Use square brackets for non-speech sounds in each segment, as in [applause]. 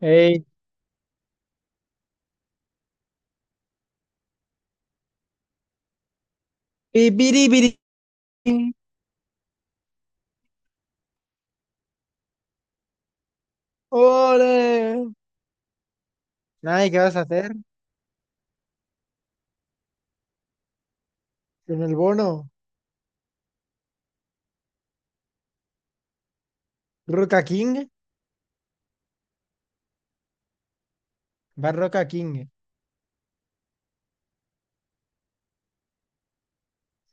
Ey, pipiripiri, ¡Ole! Nada, ¿y qué vas a hacer con el bono? ¿Roca King? Va Roca King.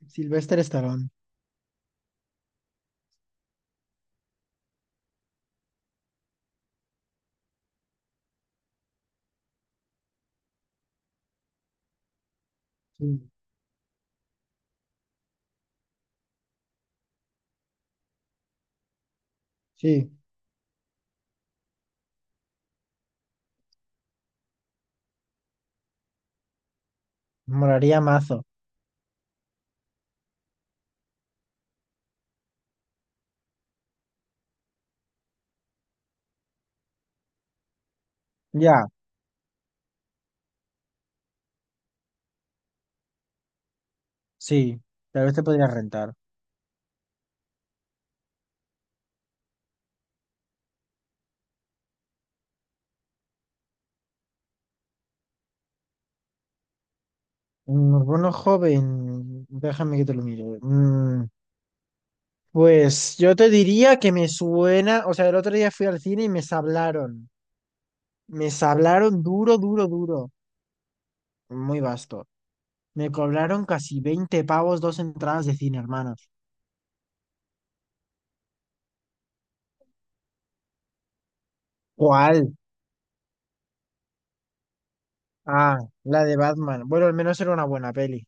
Sylvester Stallone. Sí, sí, moraría mazo. Ya, sí, tal vez te podría rentar. Un bono joven, déjame que te lo mire. Pues yo te diría que me suena, o sea, el otro día fui al cine y me sablaron. Me sablaron duro, duro, duro. Muy vasto. Me cobraron casi 20 pavos dos entradas de cine, hermanos. ¿Cuál? Ah, la de Batman. Bueno, al menos era una buena peli.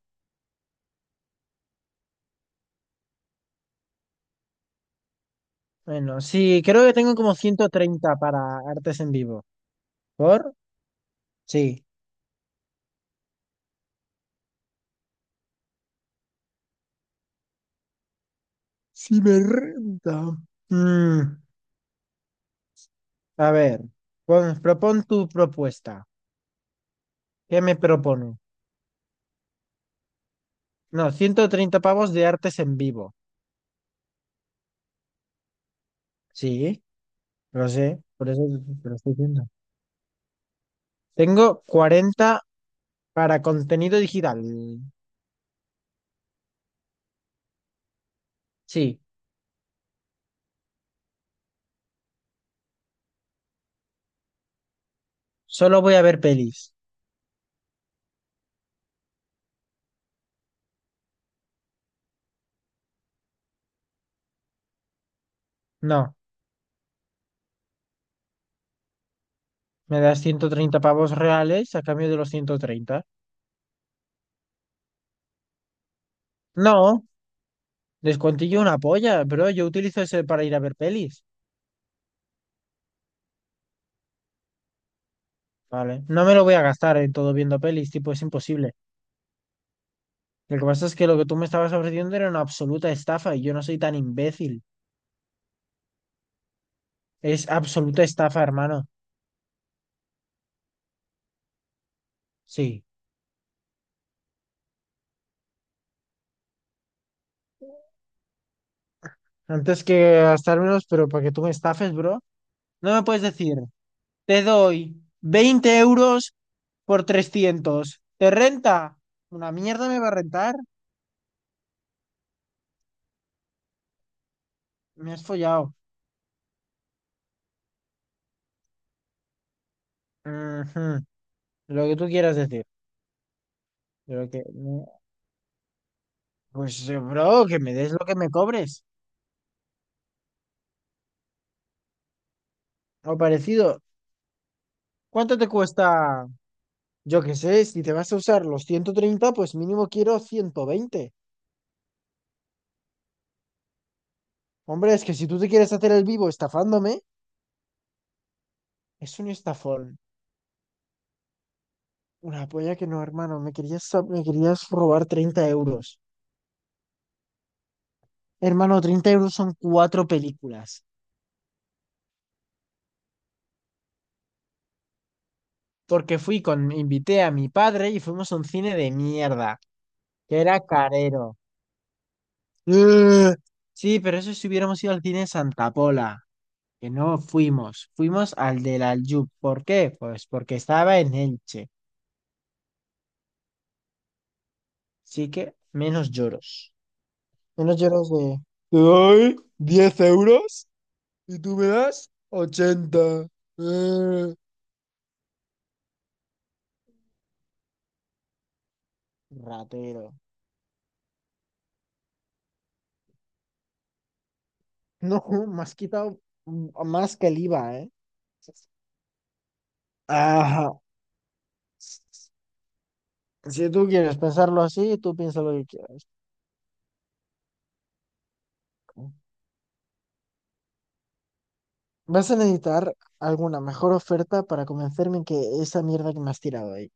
Bueno, sí, creo que tengo como 130 para artes en vivo. ¿Por? Sí. Sí me renta. Mm, a ver, propon tu propuesta. ¿Qué me propone? No, 130 pavos de artes en vivo. Sí, lo sé, por eso te lo estoy diciendo. Tengo 40 para contenido digital. Sí. Solo voy a ver pelis. No, me das 130 pavos reales a cambio de los 130. No, descuentillo una polla, bro. Yo utilizo ese para ir a ver pelis. Vale, no me lo voy a gastar en todo viendo pelis, tipo, es imposible. Lo que pasa es que lo que tú me estabas ofreciendo era una absoluta estafa y yo no soy tan imbécil. Es absoluta estafa, hermano. Sí, antes que gastar menos, pero para que tú me estafes, bro, no me puedes decir, te doy 20 euros por 300. ¿Te renta? Una mierda me va a rentar. Me has follado. Ujú. Lo que tú quieras decir. Pero que, no. Pues, bro, que me des lo que me cobres. O parecido. ¿Cuánto te cuesta? Yo qué sé, si te vas a usar los 130 pues mínimo quiero 120. Hombre, es que si tú te quieres hacer el vivo estafándome, es un estafón. Una polla que no, hermano. Me querías robar 30 euros. Hermano, 30 euros son cuatro películas. Porque invité a mi padre y fuimos a un cine de mierda, que era carero. ¡Ugh! Sí, pero eso si hubiéramos ido al cine Santa Pola, que no fuimos, fuimos al del Aljub. ¿Por qué? Pues porque estaba en Elche, así que menos lloros. Menos lloros de... Te doy 10 euros y tú me das 80. ¡Ugh! Ratero. No, [laughs] me has quitado más que el IVA, ¿eh? Ajá. Si tú quieres pensarlo así, tú piensa lo que quieras. Vas a necesitar alguna mejor oferta para convencerme en que esa mierda que me has tirado ahí.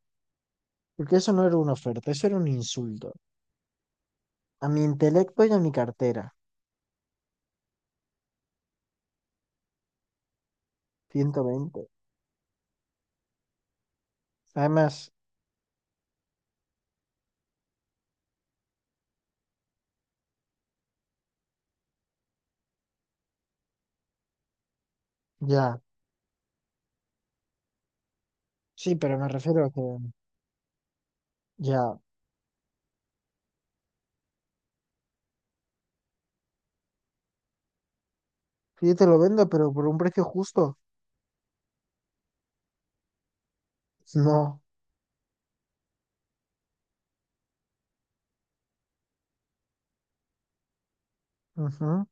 Porque eso no era una oferta, eso era un insulto. A mi intelecto y a mi cartera. 120. Además, ya. Sí, pero me refiero a que ya. Sí, te lo vendo, pero por un precio justo. No. Ujú.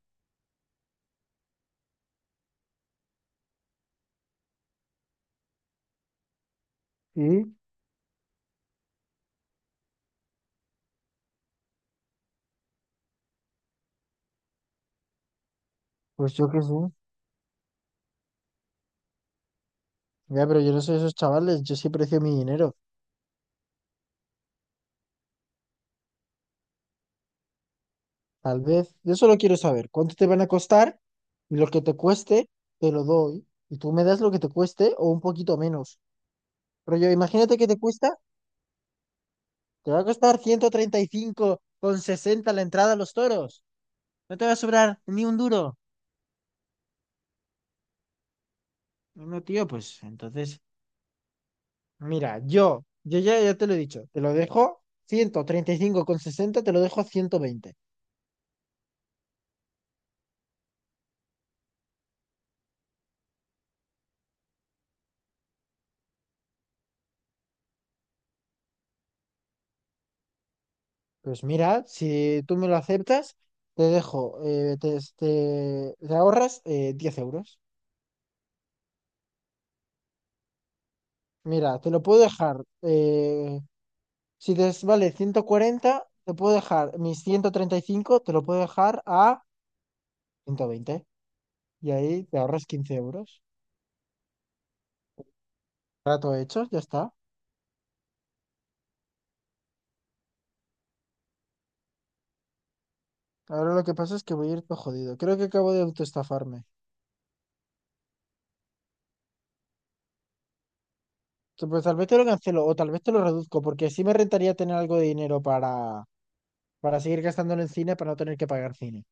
Sí, pues yo qué sé. Ya, pero yo no soy esos chavales, yo sí precio mi dinero. Tal vez, yo solo quiero saber cuánto te van a costar y lo que te cueste, te lo doy. Y tú me das lo que te cueste o un poquito menos. Pero yo, imagínate que te cuesta, te va a costar 135,60 la entrada a los toros. No te va a sobrar ni un duro. No, tío, pues entonces, mira, yo ya te lo he dicho, te lo dejo 135,60, te lo dejo 120. Pues mira, si tú me lo aceptas, te dejo, te ahorras 10 euros. Mira, te lo puedo dejar, si te es- vale 140, te puedo dejar mis 135, te lo puedo dejar a 120. Y ahí te ahorras 15 euros. Trato hecho, ya está. Ahora lo que pasa es que voy a ir todo jodido. Creo que acabo de autoestafarme. Pues tal vez te lo cancelo o tal vez te lo reduzco, porque sí me rentaría tener algo de dinero para, seguir gastándolo en cine, para no tener que pagar cine.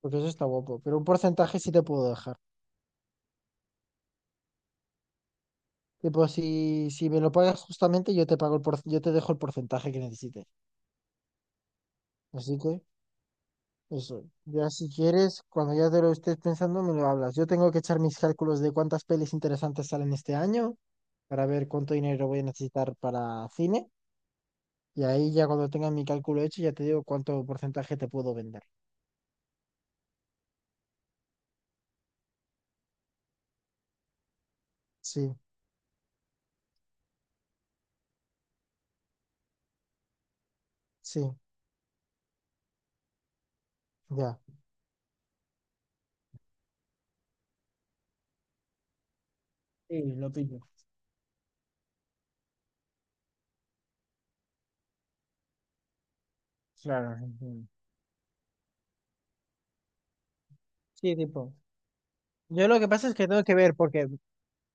Porque eso está guapo. Pero un porcentaje sí te puedo dejar. Tipo, si me lo pagas justamente, yo te pago yo te dejo el porcentaje que necesites. Así que eso, ya si quieres, cuando ya te lo estés pensando, me lo hablas. Yo tengo que echar mis cálculos de cuántas pelis interesantes salen este año para ver cuánto dinero voy a necesitar para cine. Y ahí ya cuando tenga mi cálculo hecho, ya te digo cuánto porcentaje te puedo vender. Sí, sí, ya. Sí, lo pillo. Claro. Entiendo. Sí, tipo. Yo lo que pasa es que tengo que ver, porque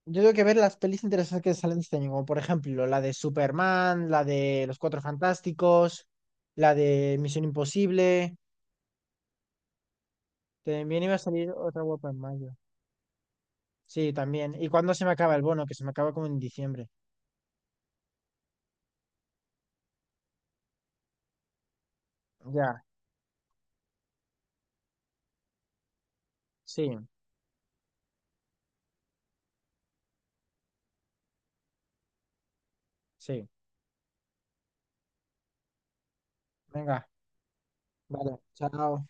yo tengo que ver las pelis interesantes que salen este año, como por ejemplo la de Superman, la de Los Cuatro Fantásticos, la de Misión Imposible. También iba a salir otra guapa en mayo. Sí, también. ¿Y cuándo se me acaba el bono? Que se me acaba como en diciembre. Ya, sí, sí. Venga, vale, chao.